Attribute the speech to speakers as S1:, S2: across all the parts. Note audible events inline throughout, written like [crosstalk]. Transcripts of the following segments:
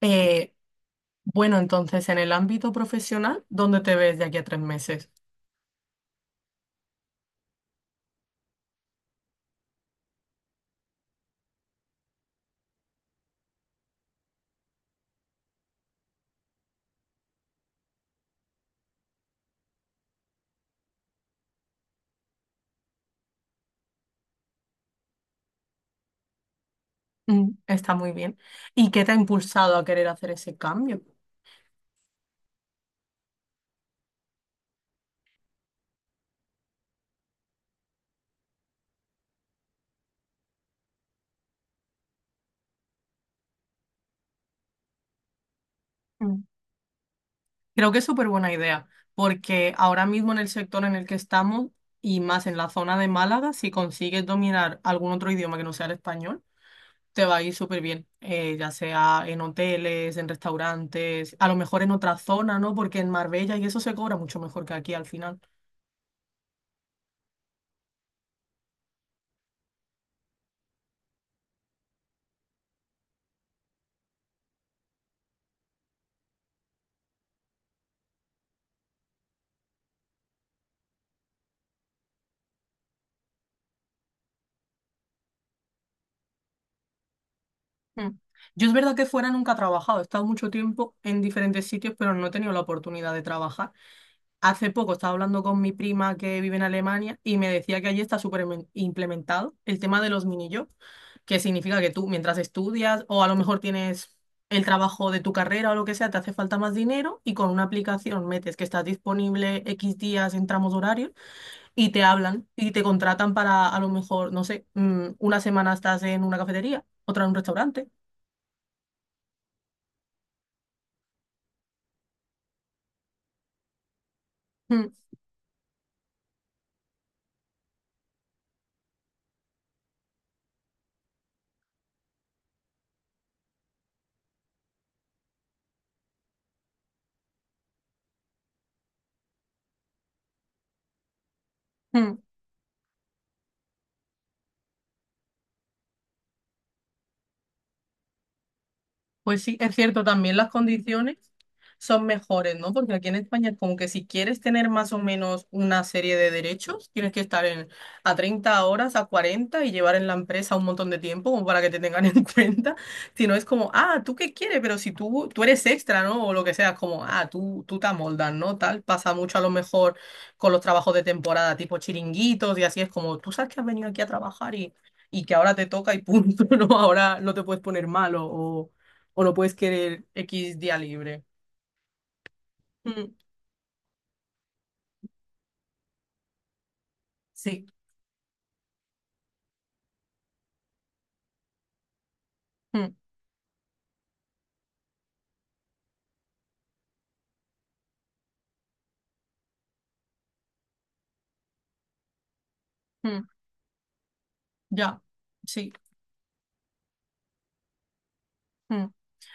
S1: Eh, bueno, entonces, en el ámbito profesional, ¿dónde te ves de aquí a tres meses? Mm, está muy bien. ¿Y qué te ha impulsado a querer hacer ese cambio? Mm, creo que es súper buena idea, porque ahora mismo en el sector en el que estamos y más en la zona de Málaga, si consigues dominar algún otro idioma que no sea el español, te va a ir súper bien, ya sea en hoteles, en restaurantes, a lo mejor en otra zona, ¿no? Porque en Marbella y eso se cobra mucho mejor que aquí al final. Mm. Yo es verdad que fuera nunca he trabajado, he estado mucho tiempo en diferentes sitios, pero no he tenido la oportunidad de trabajar. Hace poco estaba hablando con mi prima que vive en Alemania y me decía que allí está súper implementado el tema de los mini jobs, que significa que tú mientras estudias o a lo mejor tienes el trabajo de tu carrera o lo que sea, te hace falta más dinero y con una aplicación metes que estás disponible X días en tramos horarios y te hablan y te contratan para a lo mejor, no sé, una semana estás en una cafetería, otra en un restaurante. Mm. Mm. Pues sí, es cierto, también las condiciones son mejores, ¿no? Porque aquí en España es como que si quieres tener más o menos una serie de derechos, tienes que estar en, a 30 horas, a 40 y llevar en la empresa un montón de tiempo como para que te tengan [laughs] en cuenta. Si no es como, ah, ¿tú qué quieres? Pero si tú eres extra, ¿no? O lo que sea, es como, ah, tú te amoldas, ¿no? Tal, pasa mucho a lo mejor con los trabajos de temporada, tipo chiringuitos y así es como, tú sabes que has venido aquí a trabajar y que ahora te toca y punto, [laughs] ¿no? Ahora no te puedes poner malo o no puedes querer X día libre. Mm, sí. Mm, mm, ya. Sí. Mm.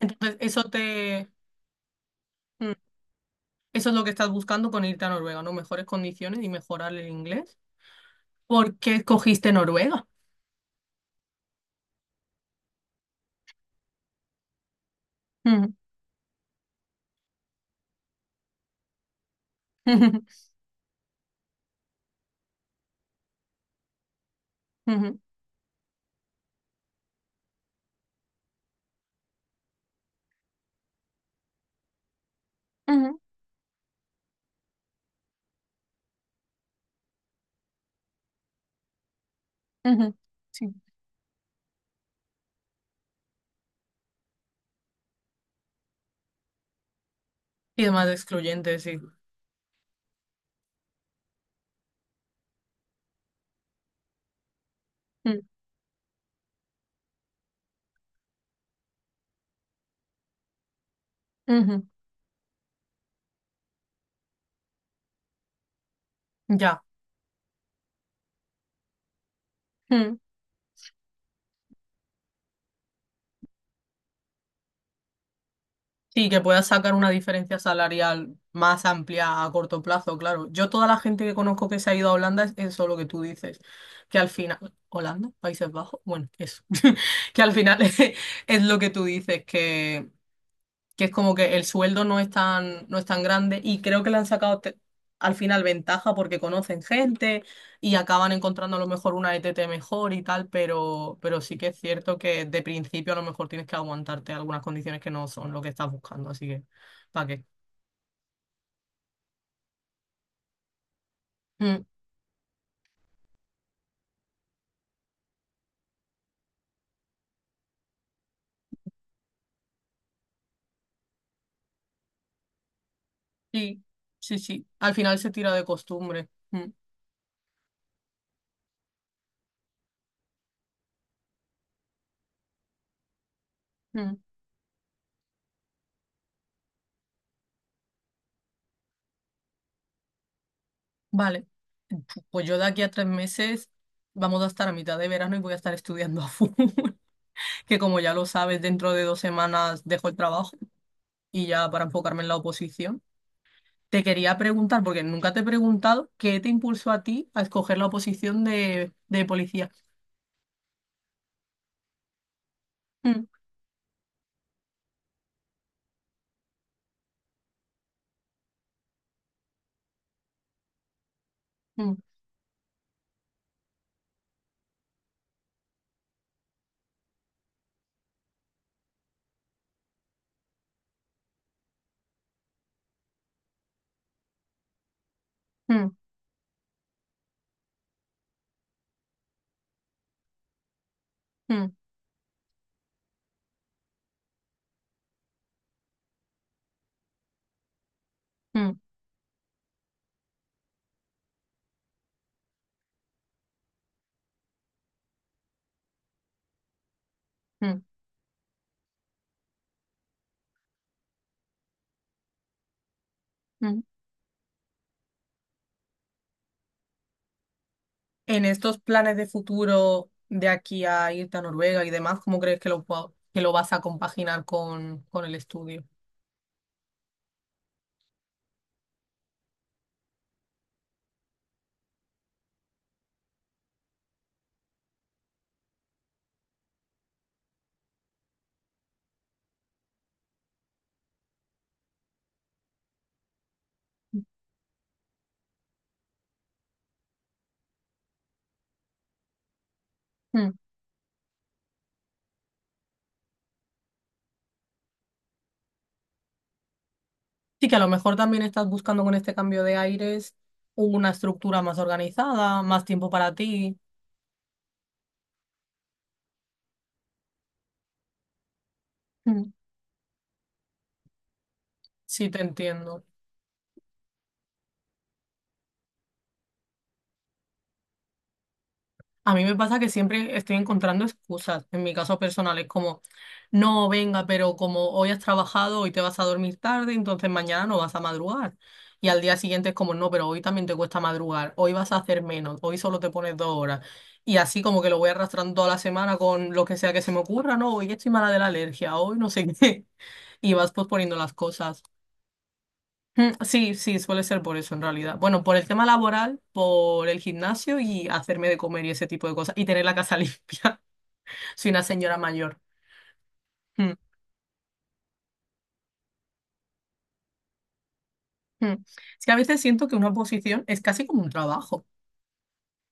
S1: Entonces, eso te. Mm, eso es lo que estás buscando con irte a Noruega, ¿no? Mejores condiciones y mejorar el inglés. ¿Por qué escogiste Noruega? Mm, ujú, ujú, ujú, ujú, sí. Y demás excluyente, sí. Mm, ujú, ya. Sí, que puedas sacar una diferencia salarial más amplia a corto plazo, claro. Yo toda la gente que conozco que se ha ido a Holanda es eso lo que tú dices, que al final, Holanda, Países Bajos, bueno, eso, [laughs] que al final [laughs] es, lo que tú dices, que es como que el sueldo no es tan grande y creo que le han sacado al final ventaja porque conocen gente y acaban encontrando a lo mejor una ETT mejor y tal, pero sí que es cierto que de principio a lo mejor tienes que aguantarte algunas condiciones que no son lo que estás buscando, así que, ¿para qué? Mm, sí, sí, al final se tira de costumbre. Mm, mm, vale. Pues yo de aquí a tres meses vamos a estar a mitad de verano y voy a estar estudiando [laughs] a full. Que como ya lo sabes, dentro de dos semanas dejo el trabajo y ya para enfocarme en la oposición. Te quería preguntar, porque nunca te he preguntado, ¿qué te impulsó a ti a escoger la oposición de policía? Mm, mm, mm, mm, mm, mm, mm. En estos planes de futuro de aquí a irte a Noruega y demás, ¿cómo crees que lo, que lo vas a compaginar con el estudio? Mm. Sí, que a lo mejor también estás buscando con este cambio de aires una estructura más organizada, más tiempo para ti. Sí, te entiendo. A mí me pasa que siempre estoy encontrando excusas, en mi caso personal, es como, no, venga, pero como hoy has trabajado, hoy te vas a dormir tarde, entonces mañana no vas a madrugar. Y al día siguiente es como, no, pero hoy también te cuesta madrugar, hoy vas a hacer menos, hoy solo te pones dos horas. Y así como que lo voy arrastrando toda la semana con lo que sea que se me ocurra, no, hoy estoy mala de la alergia, hoy no sé [laughs] qué. Y vas posponiendo las cosas. Mm, sí, suele ser por eso en realidad. Bueno, por el tema laboral, por el gimnasio y hacerme de comer y ese tipo de cosas. Y tener la casa [laughs] limpia. Soy una señora mayor. Mm, mm. Es que a veces siento que una oposición es casi como un trabajo.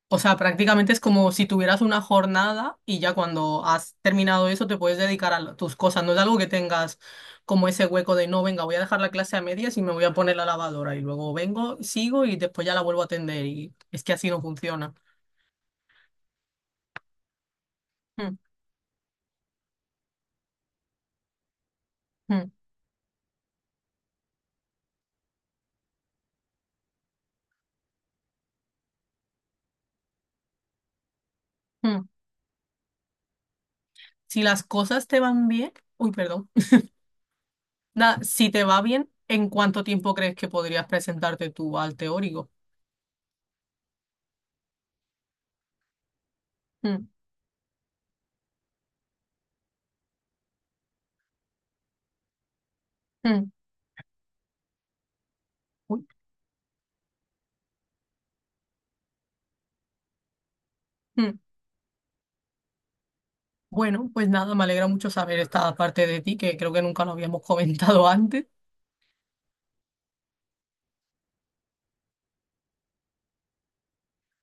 S1: O sea, prácticamente es como si tuvieras una jornada y ya cuando has terminado eso te puedes dedicar a tus cosas. No es algo que tengas como ese hueco de no, venga, voy a dejar la clase a medias y me voy a poner la lavadora y luego vengo, sigo y después ya la vuelvo a atender. Y es que así no funciona. Mm, mm, mm. Si las cosas te van bien, uy, perdón. Nada, si te va bien, ¿en cuánto tiempo crees que podrías presentarte tú al teórico? Mm, mm, uy, mm. Bueno, pues nada, me alegra mucho saber esta parte de ti, que creo que nunca lo habíamos comentado [laughs] antes.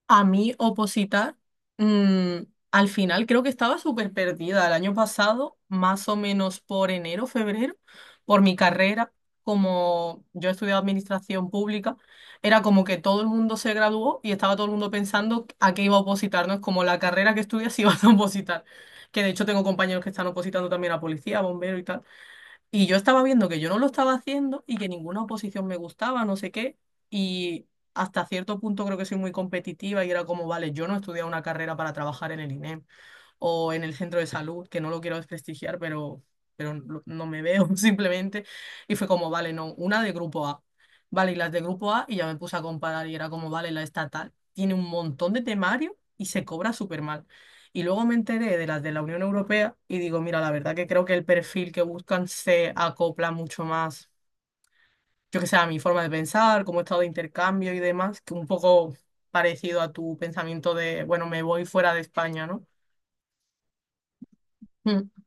S1: A mí opositar, mm, al final creo que estaba súper perdida el año pasado, más o menos por enero, febrero, por mi carrera, como yo he estudiado administración pública, era como que todo el mundo se graduó y estaba todo el mundo pensando a qué iba a opositar, no es como la carrera que estudias [laughs] si vas a opositar, que de hecho tengo compañeros que están opositando también a policía, bombero y tal. Y yo estaba viendo que yo no lo estaba haciendo y que ninguna oposición me gustaba, no sé qué. Y hasta cierto punto creo que soy muy competitiva y era como, vale, yo no he estudiado una carrera para trabajar en el INEM o en el centro de salud, que no lo quiero desprestigiar, pero no me veo [laughs] simplemente. Y fue como, vale, no, una de grupo A. Vale, y las de grupo A, y ya me puse a comparar y era como, vale, la estatal tiene un montón de temario y se cobra súper mal. Y luego me enteré de las de la Unión Europea y digo, mira, la verdad que creo que el perfil que buscan se acopla mucho más, yo que sé, a mi forma de pensar, como he estado de intercambio y demás, que un poco parecido a tu pensamiento de, bueno, me voy fuera de España, ¿no? Mm.